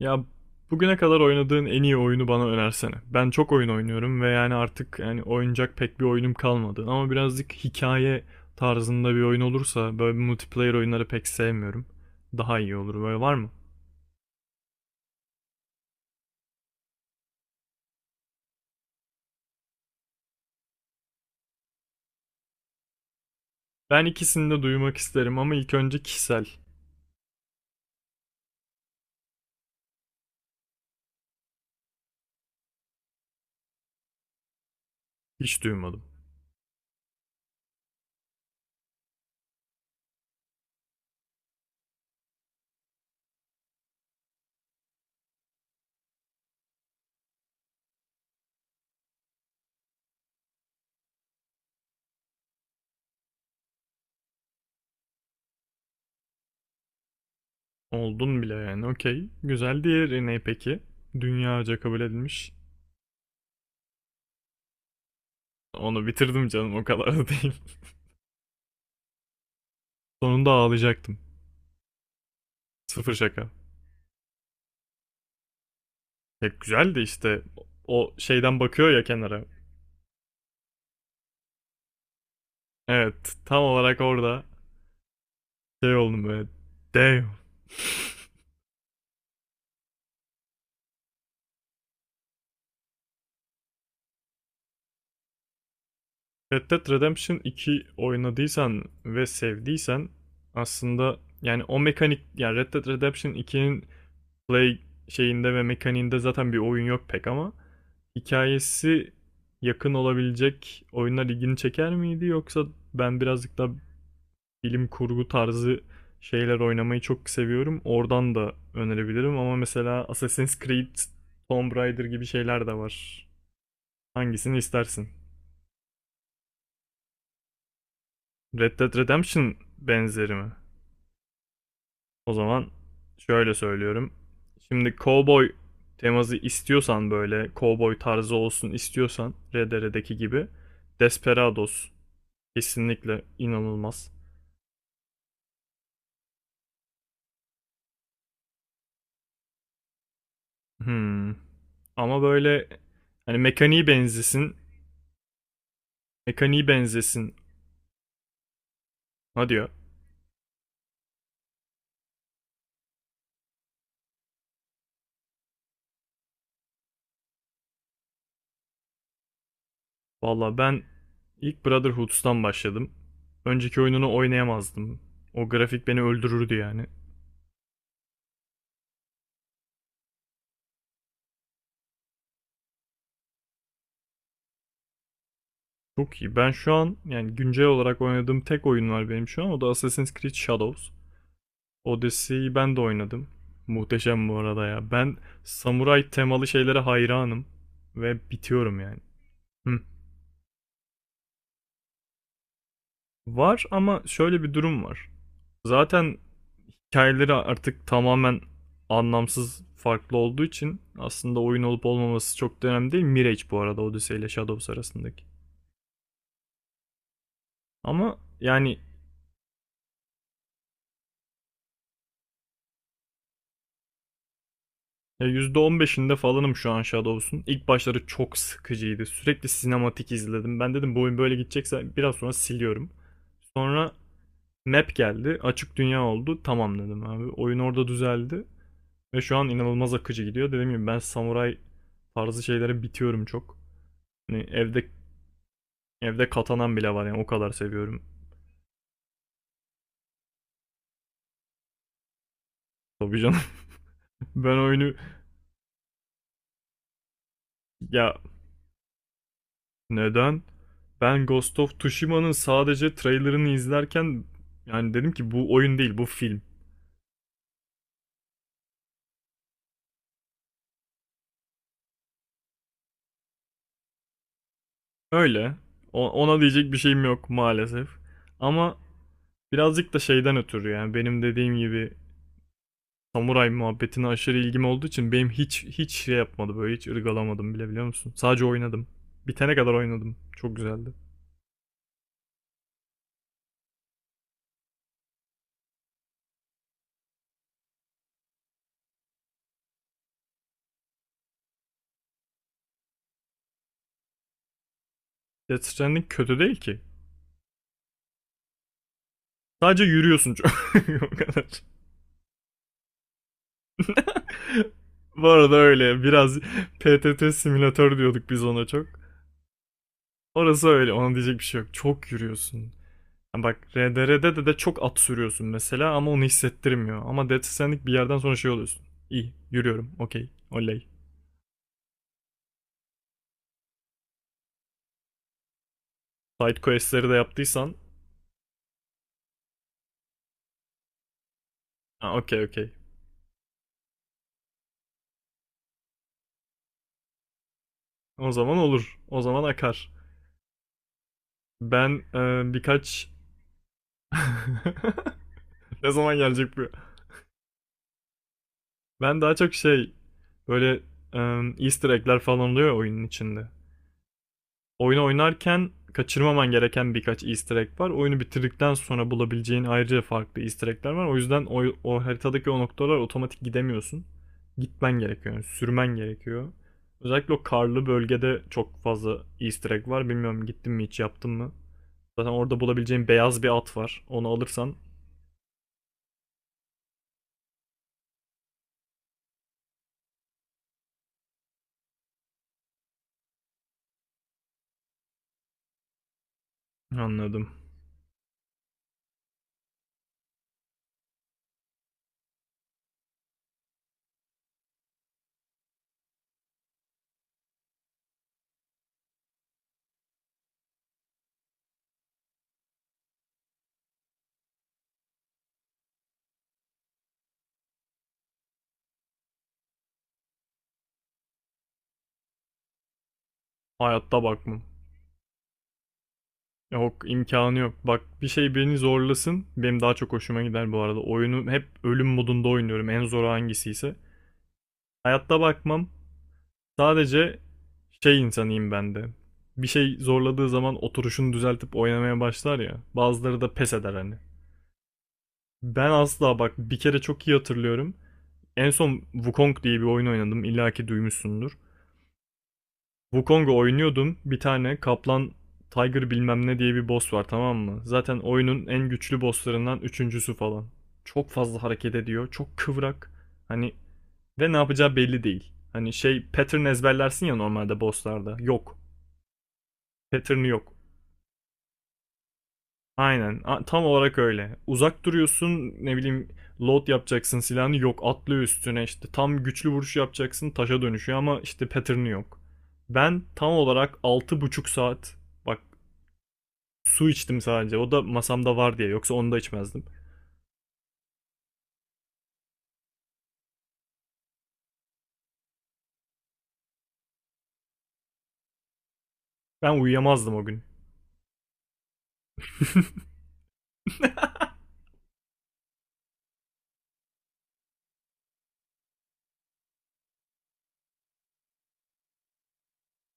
Ya, bugüne kadar oynadığın en iyi oyunu bana önersene. Ben çok oyun oynuyorum ve yani artık yani oynayacak pek bir oyunum kalmadı. Ama birazcık hikaye tarzında bir oyun olursa, böyle multiplayer oyunları pek sevmiyorum. Daha iyi olur, böyle var mı? Ben ikisini de duymak isterim ama ilk önce kişisel. Hiç duymadım. Oldun bile yani, okey. Güzel, diğeri ne peki? Dünyaca kabul edilmiş. Onu bitirdim canım, o kadar da değil. Sonunda ağlayacaktım. Sıfır şaka. Ya güzel de işte, o şeyden bakıyor ya kenara. Evet, tam olarak orada şey oldum böyle. Damn. Red Dead Redemption 2 oynadıysan ve sevdiysen, aslında yani o mekanik, yani Red Dead Redemption 2'nin play şeyinde ve mekaniğinde zaten bir oyun yok pek, ama hikayesi yakın olabilecek oyunlar ilgini çeker miydi? Yoksa ben birazcık daha bilim kurgu tarzı şeyler oynamayı çok seviyorum. Oradan da önerebilirim ama mesela Assassin's Creed, Tomb Raider gibi şeyler de var. Hangisini istersin? Red Dead Redemption benzeri mi? O zaman şöyle söylüyorum. Şimdi cowboy teması istiyorsan, böyle cowboy tarzı olsun istiyorsan RDR'deki gibi, Desperados kesinlikle inanılmaz. Hmm. Ama böyle hani mekaniği benzesin, mekaniği benzesin. Ha diyor. Valla ben ilk Brotherhood'dan başladım. Önceki oyununu oynayamazdım. O grafik beni öldürürdü yani. Çok iyi. Ben şu an yani güncel olarak oynadığım tek oyun var benim şu an. O da Assassin's Creed Shadows. Odyssey'yi ben de oynadım. Muhteşem bu arada ya. Ben samuray temalı şeylere hayranım. Ve bitiyorum yani. Hı. Var ama şöyle bir durum var. Zaten hikayeleri artık tamamen anlamsız farklı olduğu için aslında oyun olup olmaması çok da önemli değil. Mirage bu arada Odyssey ile Shadows arasındaki. Ama yani %15'inde falanım şu an Shadows'un. İlk başları çok sıkıcıydı. Sürekli sinematik izledim. Ben dedim bu oyun böyle gidecekse biraz sonra siliyorum. Sonra map geldi. Açık dünya oldu. Tamam dedim abi. Oyun orada düzeldi. Ve şu an inanılmaz akıcı gidiyor. Dediğim gibi ben samuray tarzı şeylere bitiyorum çok. Hani evde katanan bile var yani, o kadar seviyorum. Tabii canım. Ben oyunu Ya neden? Ben Ghost of Tsushima'nın sadece trailerını izlerken yani dedim ki bu oyun değil, bu film. Öyle, ona diyecek bir şeyim yok maalesef. Ama birazcık da şeyden ötürü, yani benim dediğim gibi, samuray muhabbetine aşırı ilgim olduğu için benim hiç şey yapmadı, böyle hiç ırgalamadım bile, biliyor musun? Sadece oynadım. Bitene kadar oynadım. Çok güzeldi. Death Stranding kötü değil ki. Sadece yürüyorsun çok. o kadar. Bu arada öyle biraz PTT simülatör diyorduk biz ona çok. Orası öyle, ona diyecek bir şey yok. Çok yürüyorsun. Yani bak, RDR'de de çok at sürüyorsun mesela ama onu hissettirmiyor. Ama Dead Stranding bir yerden sonra şey oluyorsun. İyi yürüyorum, okey oley. Side questleri de yaptıysan. Ha, okey okey. O zaman olur. O zaman akar. Ben birkaç... ne zaman gelecek bu? Ben daha çok şey, böyle e, easter egg'ler falan oluyor oyunun içinde. Oyunu oynarken kaçırmaman gereken birkaç easter egg var. Oyunu bitirdikten sonra bulabileceğin ayrıca farklı easter egg'ler var. O yüzden o haritadaki o noktalar, otomatik gidemiyorsun. Gitmen gerekiyor, yani sürmen gerekiyor. Özellikle o karlı bölgede çok fazla easter egg var. Bilmiyorum, gittim mi, hiç yaptım mı? Zaten orada bulabileceğin beyaz bir at var. Onu alırsan, anladım. Hayatta bakmam. Yok, imkanı yok. Bak, bir şey beni zorlasın. Benim daha çok hoşuma gider bu arada. Oyunu hep ölüm modunda oynuyorum. En zoru hangisiyse. Hayatta bakmam. Sadece şey insanıyım ben de. Bir şey zorladığı zaman oturuşunu düzeltip oynamaya başlar ya. Bazıları da pes eder hani. Ben asla. Bak bir kere çok iyi hatırlıyorum. En son Wukong diye bir oyun oynadım. İlla ki duymuşsundur. Wukong'u oynuyordum. Bir tane kaplan, Tiger bilmem ne diye bir boss var, tamam mı? Zaten oyunun en güçlü bosslarından üçüncüsü falan. Çok fazla hareket ediyor. Çok kıvrak. Hani, ve ne yapacağı belli değil. Hani şey, pattern ezberlersin ya normalde bosslarda. Yok. Pattern'ı yok. Aynen. Tam olarak öyle. Uzak duruyorsun, ne bileyim, load yapacaksın silahını, yok atlıyor üstüne, işte tam güçlü vuruş yapacaksın taşa dönüşüyor, ama işte pattern'ı yok. Ben tam olarak 6,5 saat, bak, su içtim sadece, o da masamda var diye, yoksa onu da içmezdim. Ben uyuyamazdım o gün.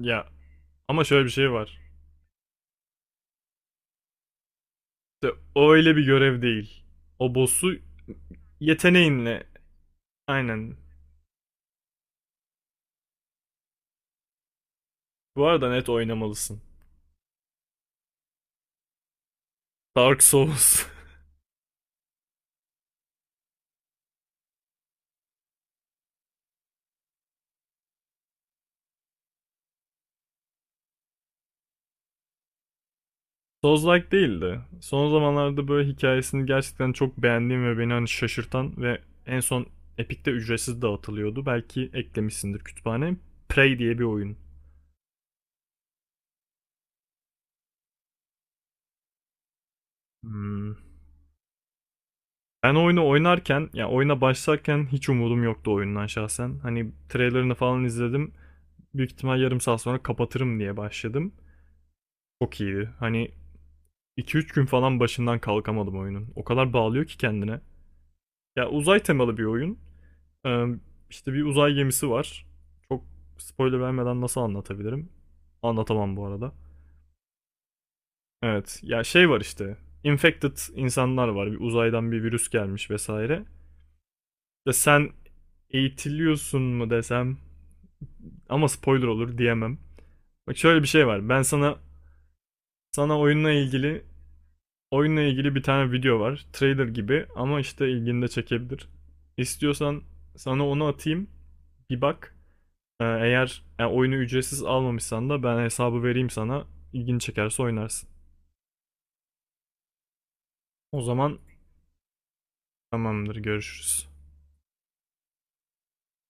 Ya ama şöyle bir şey var. İşte o öyle bir görev değil. O boss'u yeteneğinle, aynen. Bu arada net oynamalısın. Dark Souls. Souls-like değildi. Son zamanlarda böyle hikayesini gerçekten çok beğendiğim ve beni hani şaşırtan ve en son Epic'te ücretsiz dağıtılıyordu. Belki eklemişsindir kütüphane. Prey diye bir oyun. Hmm. Ben oyunu oynarken, ya yani oyuna başlarken hiç umudum yoktu oyundan şahsen. Hani trailerını falan izledim. Büyük ihtimal yarım saat sonra kapatırım diye başladım. Çok iyiydi. Hani iki üç gün falan başından kalkamadım oyunun. O kadar bağlıyor ki kendine. Ya uzay temalı bir oyun. Ee, işte bir uzay gemisi var. Çok spoiler vermeden nasıl anlatabilirim? Anlatamam bu arada. Evet, ya şey var işte. Infected insanlar var. Bir uzaydan bir virüs gelmiş vesaire. Ve sen eğitiliyorsun mu desem, ama spoiler olur, diyemem. Bak şöyle bir şey var. Ben sana oyunla ilgili bir tane video var. Trailer gibi ama işte ilgini de çekebilir. İstiyorsan sana onu atayım. Bir bak. Eğer yani oyunu ücretsiz almamışsan da, ben hesabı vereyim sana. İlgini çekerse oynarsın. O zaman tamamdır, görüşürüz.